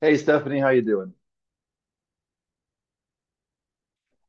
Hey Stephanie, how you doing?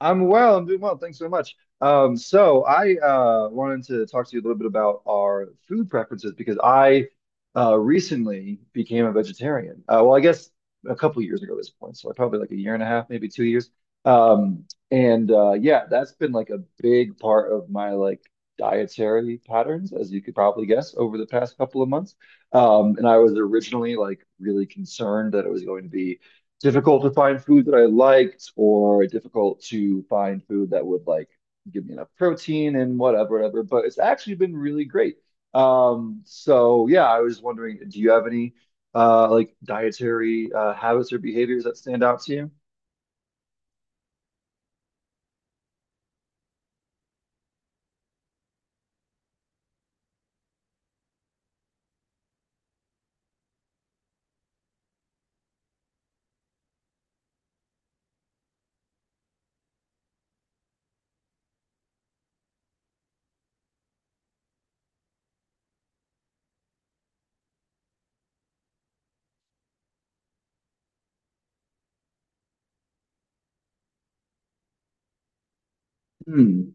I'm well. I'm doing well. Thanks so much. So I wanted to talk to you a little bit about our food preferences because I recently became a vegetarian. Well, I guess a couple years ago at this point, so probably like a year and a half, maybe 2 years. Um, and Yeah, that's been like a big part of my like dietary patterns, as you could probably guess, over the past couple of months. And I was originally like really concerned that it was going to be difficult to find food that I liked, or difficult to find food that would like give me enough protein and whatever, whatever. But it's actually been really great. So yeah, I was just wondering, do you have any like dietary habits or behaviors that stand out to you?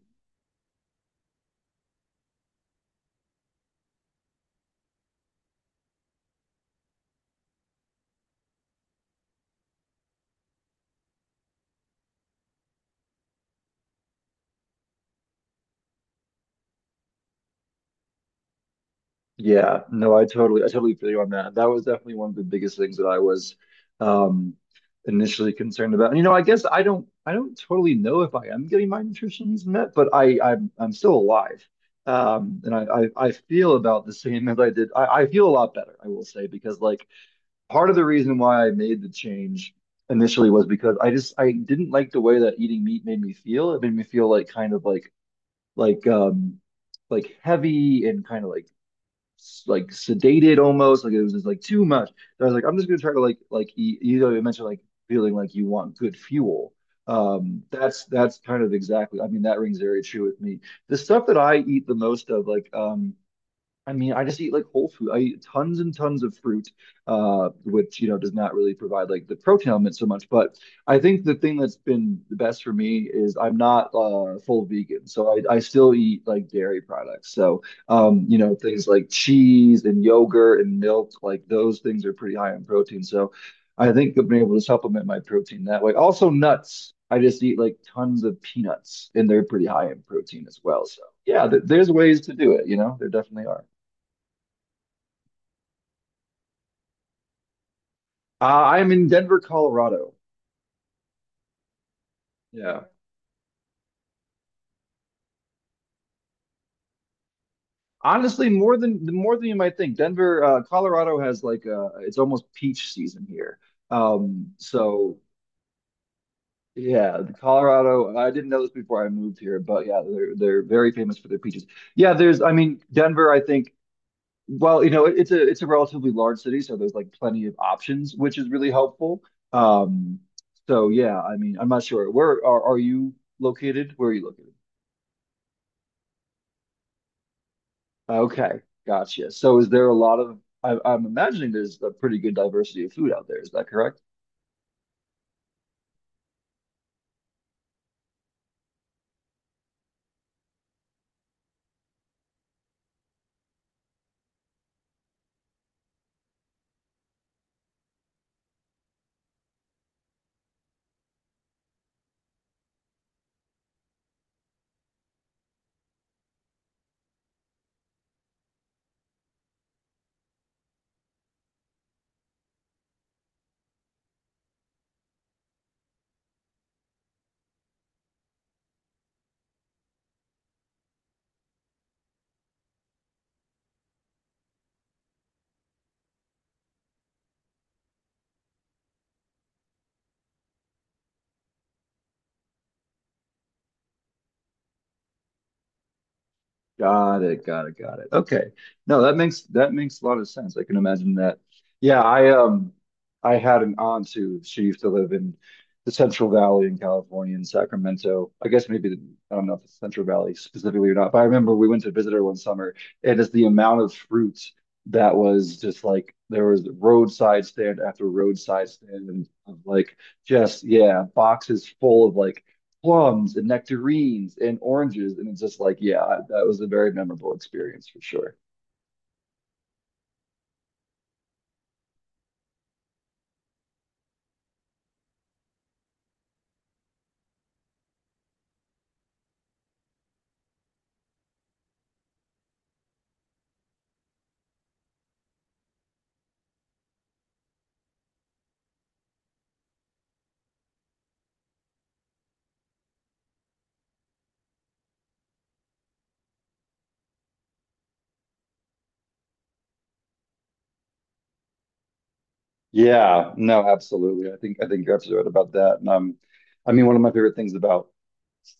Yeah, no, I totally feel you on that. That was definitely one of the biggest things that I was um, initially concerned about. And, you know, I don't totally know if I am getting my nutrition needs met, but I'm still alive, um, and I, I feel about the same as I did. I feel a lot better, I will say, because like part of the reason why I made the change initially was because I didn't like the way that eating meat made me feel. It made me feel like kind of like, um, like heavy and kind of like sedated, almost like it was just like too much. So I was like, I'm just gonna try to like eat, you know, you mentioned like feeling like you want good fuel. That's kind of exactly, I mean, that rings very true with me. The stuff that I eat the most of, like, I mean, I just eat like whole food. I eat tons and tons of fruit, which, you know, does not really provide like the protein element so much. But I think the thing that's been the best for me is I'm not full vegan. So I still eat like dairy products. So, you know, things like cheese and yogurt and milk, like those things are pretty high in protein. So I think I've been able to supplement my protein that way. Also, nuts. I just eat like tons of peanuts, and they're pretty high in protein as well. So, yeah, th there's ways to do it, you know, there definitely are. I'm in Denver, Colorado. Yeah. Honestly, more than you might think. Denver, Colorado has like it's almost peach season here. So yeah, the Colorado, I didn't know this before I moved here, but yeah, they're very famous for their peaches. Yeah, there's I mean, Denver, I think, well, you know, it's a relatively large city, so there's like plenty of options, which is really helpful. Um, so yeah, I mean, I'm not sure. Are you located? Where are you located? Okay, gotcha. So is there a lot of I'm imagining there's a pretty good diversity of food out there. Is that correct? Got it, got it, got it. Okay. No, that makes a lot of sense. I can imagine that. Yeah, I had an aunt who she used to live in the Central Valley in California in Sacramento. I guess I don't know if it's Central Valley specifically or not, but I remember we went to visit her one summer and it's the amount of fruit that was just like there was roadside stand after roadside stand, and of like just yeah, boxes full of like plums and nectarines and oranges. And it's just like, yeah, that was a very memorable experience for sure. Yeah, no, absolutely. I think you're absolutely right about that. And I mean, one of my favorite things about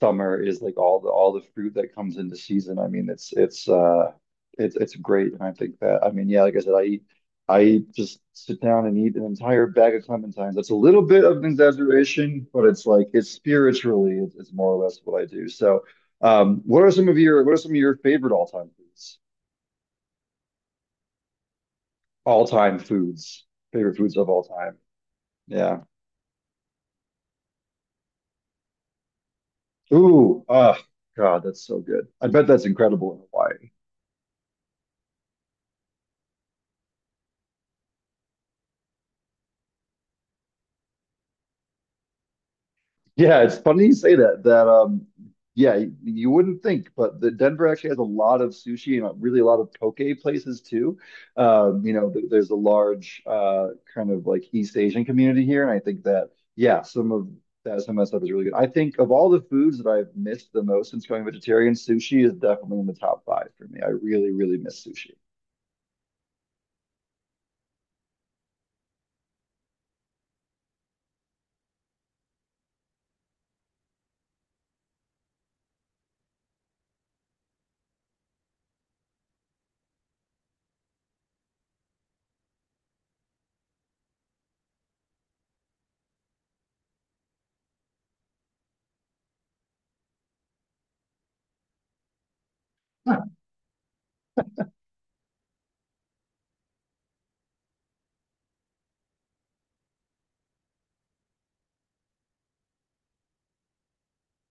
summer is like all the fruit that comes into season. I mean, it's it's great. And I think that I mean, yeah, like I said, just sit down and eat an entire bag of clementines. That's a little bit of an exaggeration, but it's like it's spiritually it's more or less what I do. So, what are some of your favorite all-time foods? All-time foods, favorite foods of all time. Yeah. Ooh, ah, God, that's so good. I bet that's incredible in Hawaii. Yeah, it's funny you say that. That yeah, you wouldn't think, but the Denver actually has a lot of sushi and really a lot of poke places too. You know, th there's a large kind of like East Asian community here, and I think that yeah, some of that stuff is really good. I think of all the foods that I've missed the most since going vegetarian, sushi is definitely in the top five for me. I really, really miss sushi.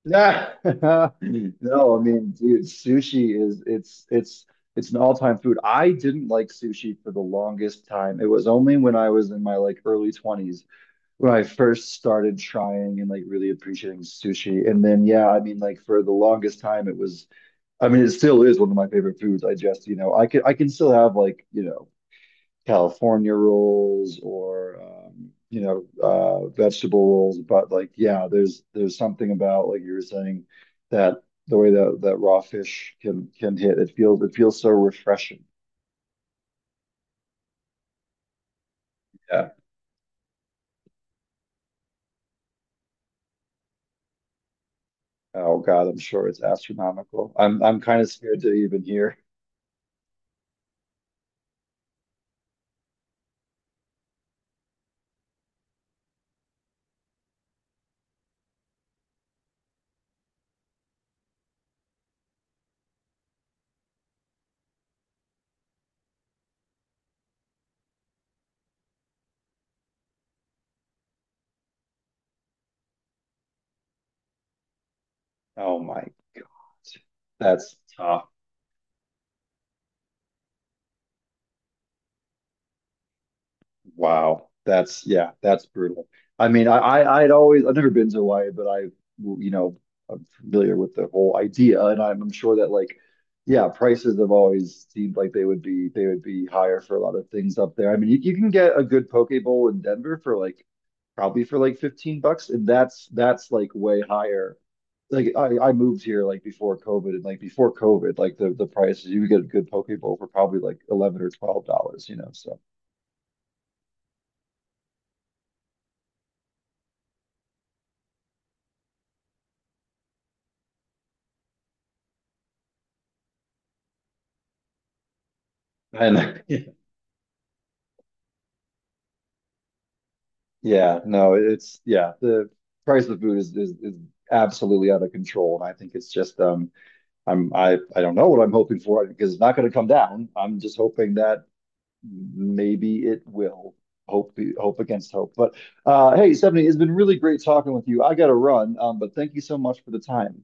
Yeah. No, I mean, dude, sushi is it's an all-time food. I didn't like sushi for the longest time. It was only when I was in my like early 20s when I first started trying and like really appreciating sushi. And then yeah, I mean like for the longest time it was I mean it still is one of my favorite foods. You know, I can still have like, you know, California rolls or you know vegetable rolls, but like yeah, there's something about like you were saying that the way that raw fish can hit. It feels so refreshing. Yeah. Oh God, I'm sure it's astronomical. I'm kind of scared to even hear. Oh my God, that's tough. Wow, that's yeah, that's brutal. I mean, I'd always I've never been to Hawaii, but I you know I'm familiar with the whole idea, and I'm sure that like yeah, prices have always seemed like they would be higher for a lot of things up there. I mean, you can get a good poke bowl in Denver for like probably for like $15, and that's like way higher. Like I moved here like before COVID, and like before COVID, like the prices you could get a good poke bowl for probably like 11 or $12, you know, so. And Yeah, no, it's yeah, the price of food is absolutely out of control, and I think it's just I don't know what I'm hoping for because it's not going to come down. I'm just hoping that maybe it will. Hope against hope. But hey, Stephanie, it's been really great talking with you. I got to run, but thank you so much for the time.